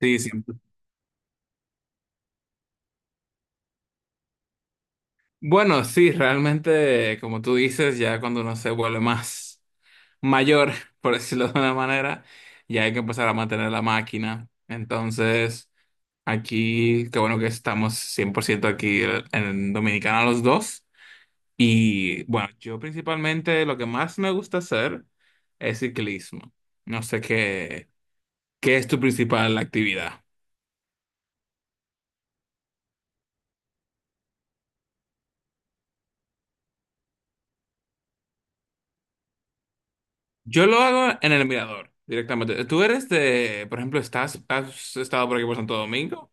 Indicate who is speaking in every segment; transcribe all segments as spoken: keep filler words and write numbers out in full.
Speaker 1: Sí, sí. Bueno, sí, realmente, como tú dices, ya cuando uno se vuelve más mayor, por decirlo de una manera, ya hay que empezar a mantener la máquina. Entonces, aquí, qué bueno que estamos cien por ciento aquí en Dominicana los dos. Y bueno, yo principalmente lo que más me gusta hacer es ciclismo. No sé qué, qué es tu principal actividad. Yo lo hago en el mirador directamente. Tú eres de, por ejemplo, estás, has estado por aquí por Santo Domingo.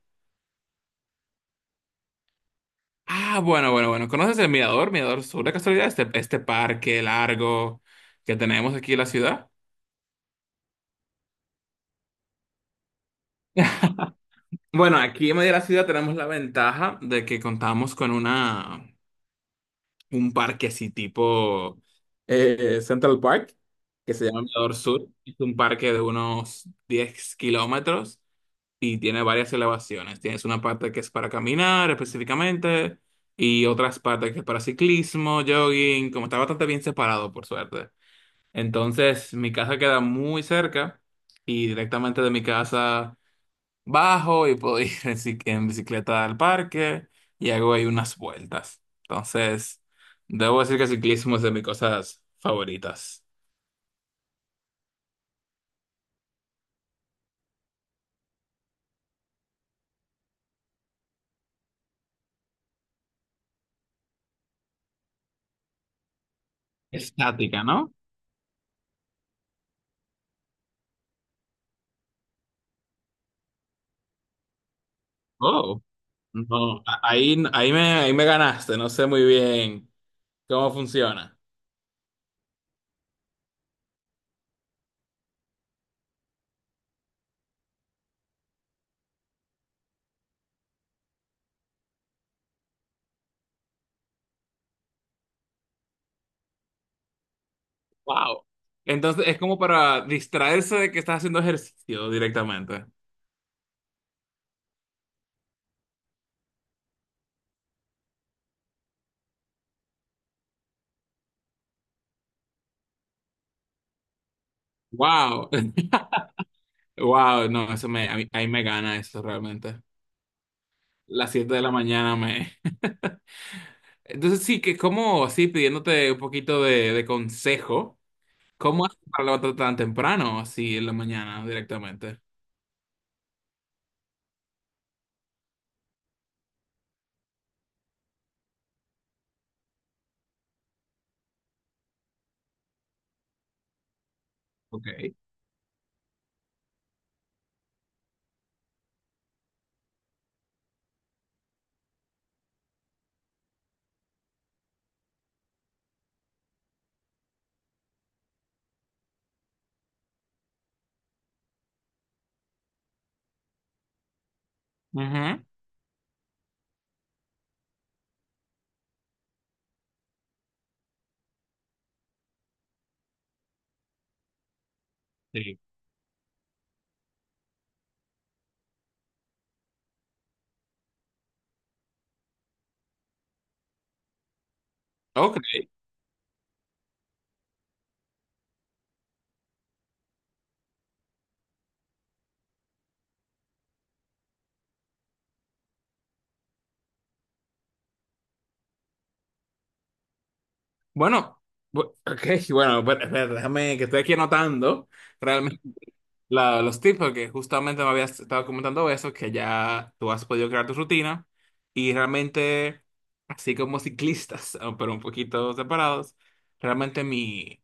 Speaker 1: Ah, bueno, bueno, bueno. ¿Conoces el mirador? Mirador Sur, de casualidad, este, este parque largo que tenemos aquí en la ciudad. Bueno, aquí en medio de la ciudad tenemos la ventaja de que contamos con una, un parque así tipo eh, Central Park, que se llama Mirador Sur. Es un parque de unos diez kilómetros y tiene varias elevaciones. Tienes una parte que es para caminar específicamente y otras partes que es para ciclismo, jogging, como está bastante bien separado por suerte. Entonces mi casa queda muy cerca y directamente de mi casa bajo y puedo ir en, cic- en bicicleta al parque y hago ahí unas vueltas. Entonces, debo decir que el ciclismo es de mis cosas favoritas. Estática, ¿no? Oh, no, a- ahí, ahí me, ahí me ganaste, no sé muy bien. ¿Cómo funciona? Wow. Entonces es como para distraerse de que estás haciendo ejercicio directamente. Wow. Wow, no, eso me, a mí, ahí me gana eso realmente. Las siete de la mañana me... Entonces sí, que como así pidiéndote un poquito de, de consejo, ¿cómo haces para levantarte tan temprano así en la mañana directamente? Ok. Ujú. Sí. Ok. Bueno, bu- ok, bueno, espera, espera, déjame que estoy aquí anotando la- los tips, porque justamente me habías estado comentando eso, que ya tú has podido crear tu rutina y realmente, así como ciclistas, pero un poquito separados, realmente mi,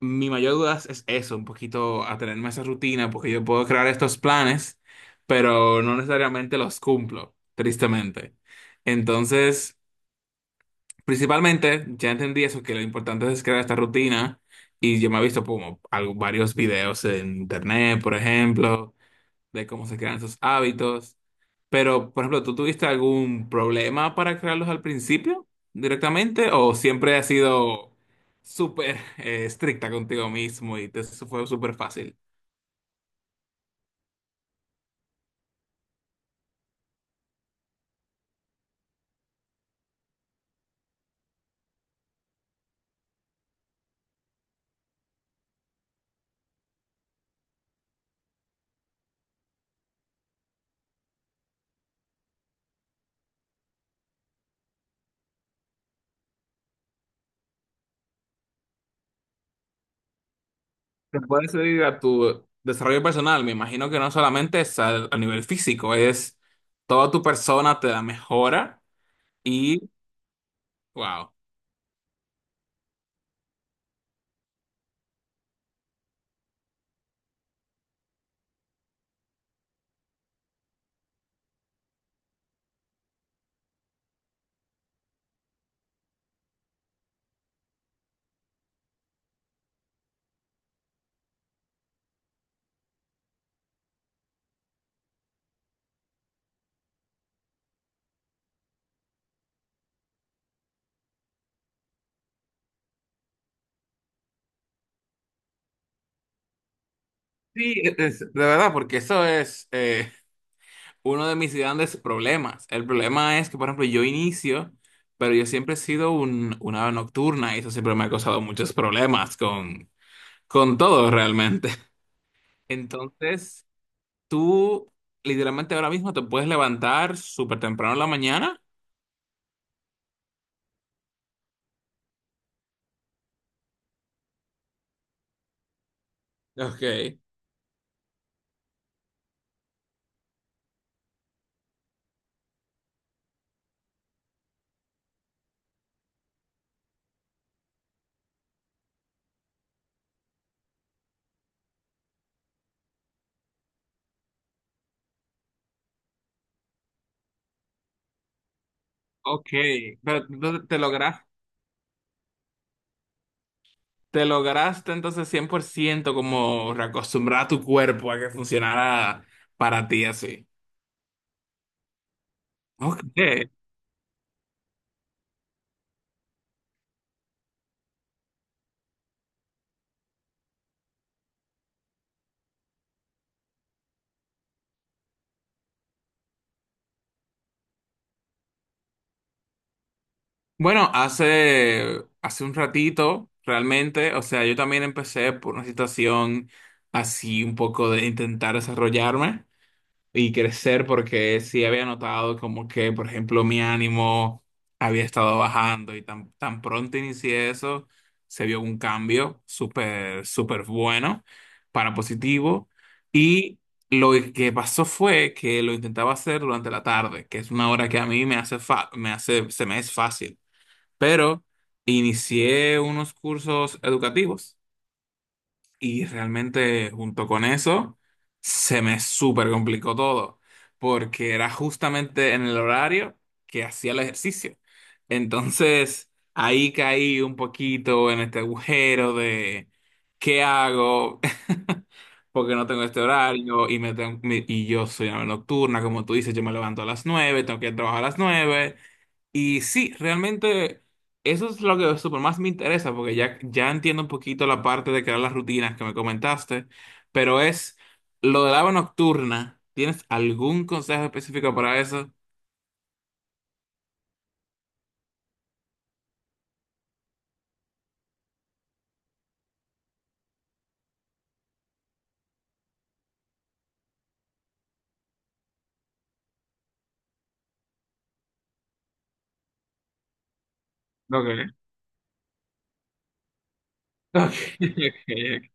Speaker 1: mi mayor duda es eso, un poquito atenerme a esa rutina, porque yo puedo crear estos planes, pero no necesariamente los cumplo, tristemente. Entonces, principalmente, ya entendí eso, que lo importante es crear esta rutina. Y yo me he visto como algo- varios videos en internet, por ejemplo, de cómo se crean esos hábitos. Pero, por ejemplo, ¿tú tuviste algún problema para crearlos al principio directamente o siempre has sido súper eh, estricta contigo mismo y te eso fue súper fácil? Te puedes ir a tu desarrollo personal, me imagino que no solamente es al- a, nivel físico, es toda tu persona te da mejora y wow. Sí, es- de verdad, porque eso es, eh, uno de mis grandes problemas. El problema es que, por ejemplo, yo inicio, pero yo siempre he sido un, una ave nocturna y eso siempre me ha causado muchos problemas con, con todo realmente. Entonces, tú literalmente ahora mismo te puedes levantar súper temprano en la mañana. Ok. Ok, pero tú te logras, te lograste entonces cien por ciento como reacostumbrar a tu cuerpo a que funcionara para ti así. Ok. Bueno, hace, hace un ratito, realmente, o sea, yo también empecé por una situación así un poco de intentar desarrollarme y crecer porque sí había notado como que, por ejemplo, mi ánimo había estado bajando y tan, tan pronto inicié eso, se vio un cambio súper, súper bueno para positivo y lo que pasó fue que lo intentaba hacer durante la tarde, que es una hora que a mí me hace fa- me hace, se me es fácil, pero inicié unos cursos educativos y realmente junto con eso se me súper complicó todo, porque era justamente en el horario que hacía el ejercicio. Entonces ahí caí un poquito en este agujero de ¿qué hago? Porque no tengo este horario y, me tengo- me- y yo soy una nocturna, como tú dices, yo me levanto a las nueve, tengo que ir a trabajar a las nueve y sí, realmente eso es lo que super más me interesa, porque ya, ya entiendo un poquito la parte de crear las rutinas que me comentaste, pero es lo del agua nocturna. ¿Tienes algún consejo específico para eso? Ok, ok, ok.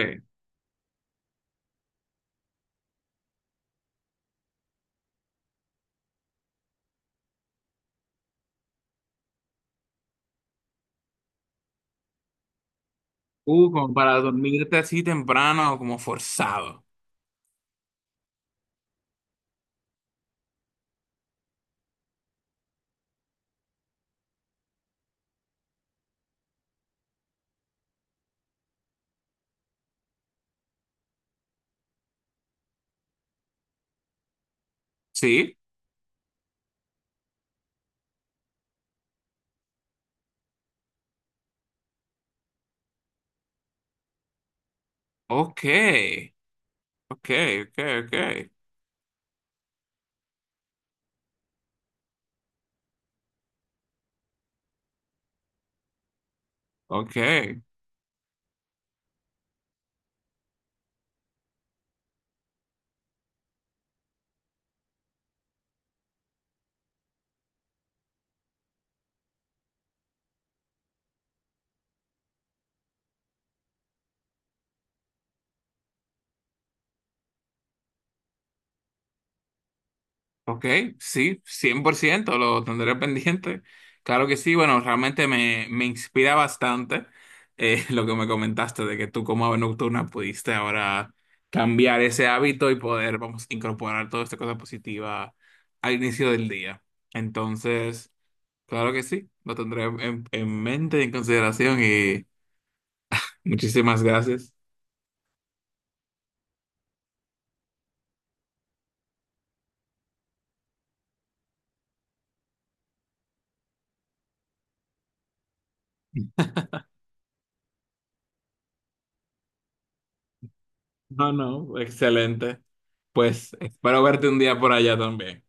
Speaker 1: Ok. Uh, como para dormirte así temprano, como forzado. ¿Sí? Ok, ok, ok, ok, ok. Ok, sí, cien por ciento lo tendré pendiente. Claro que sí, bueno, realmente me, me inspira bastante, eh, lo que me comentaste de que tú como ave nocturna pudiste ahora cambiar ese hábito y poder, vamos, incorporar toda esta cosa positiva al inicio del día. Entonces, claro que sí, lo tendré en, en mente y en consideración y muchísimas gracias. No, no, excelente. Pues espero verte un día por allá también.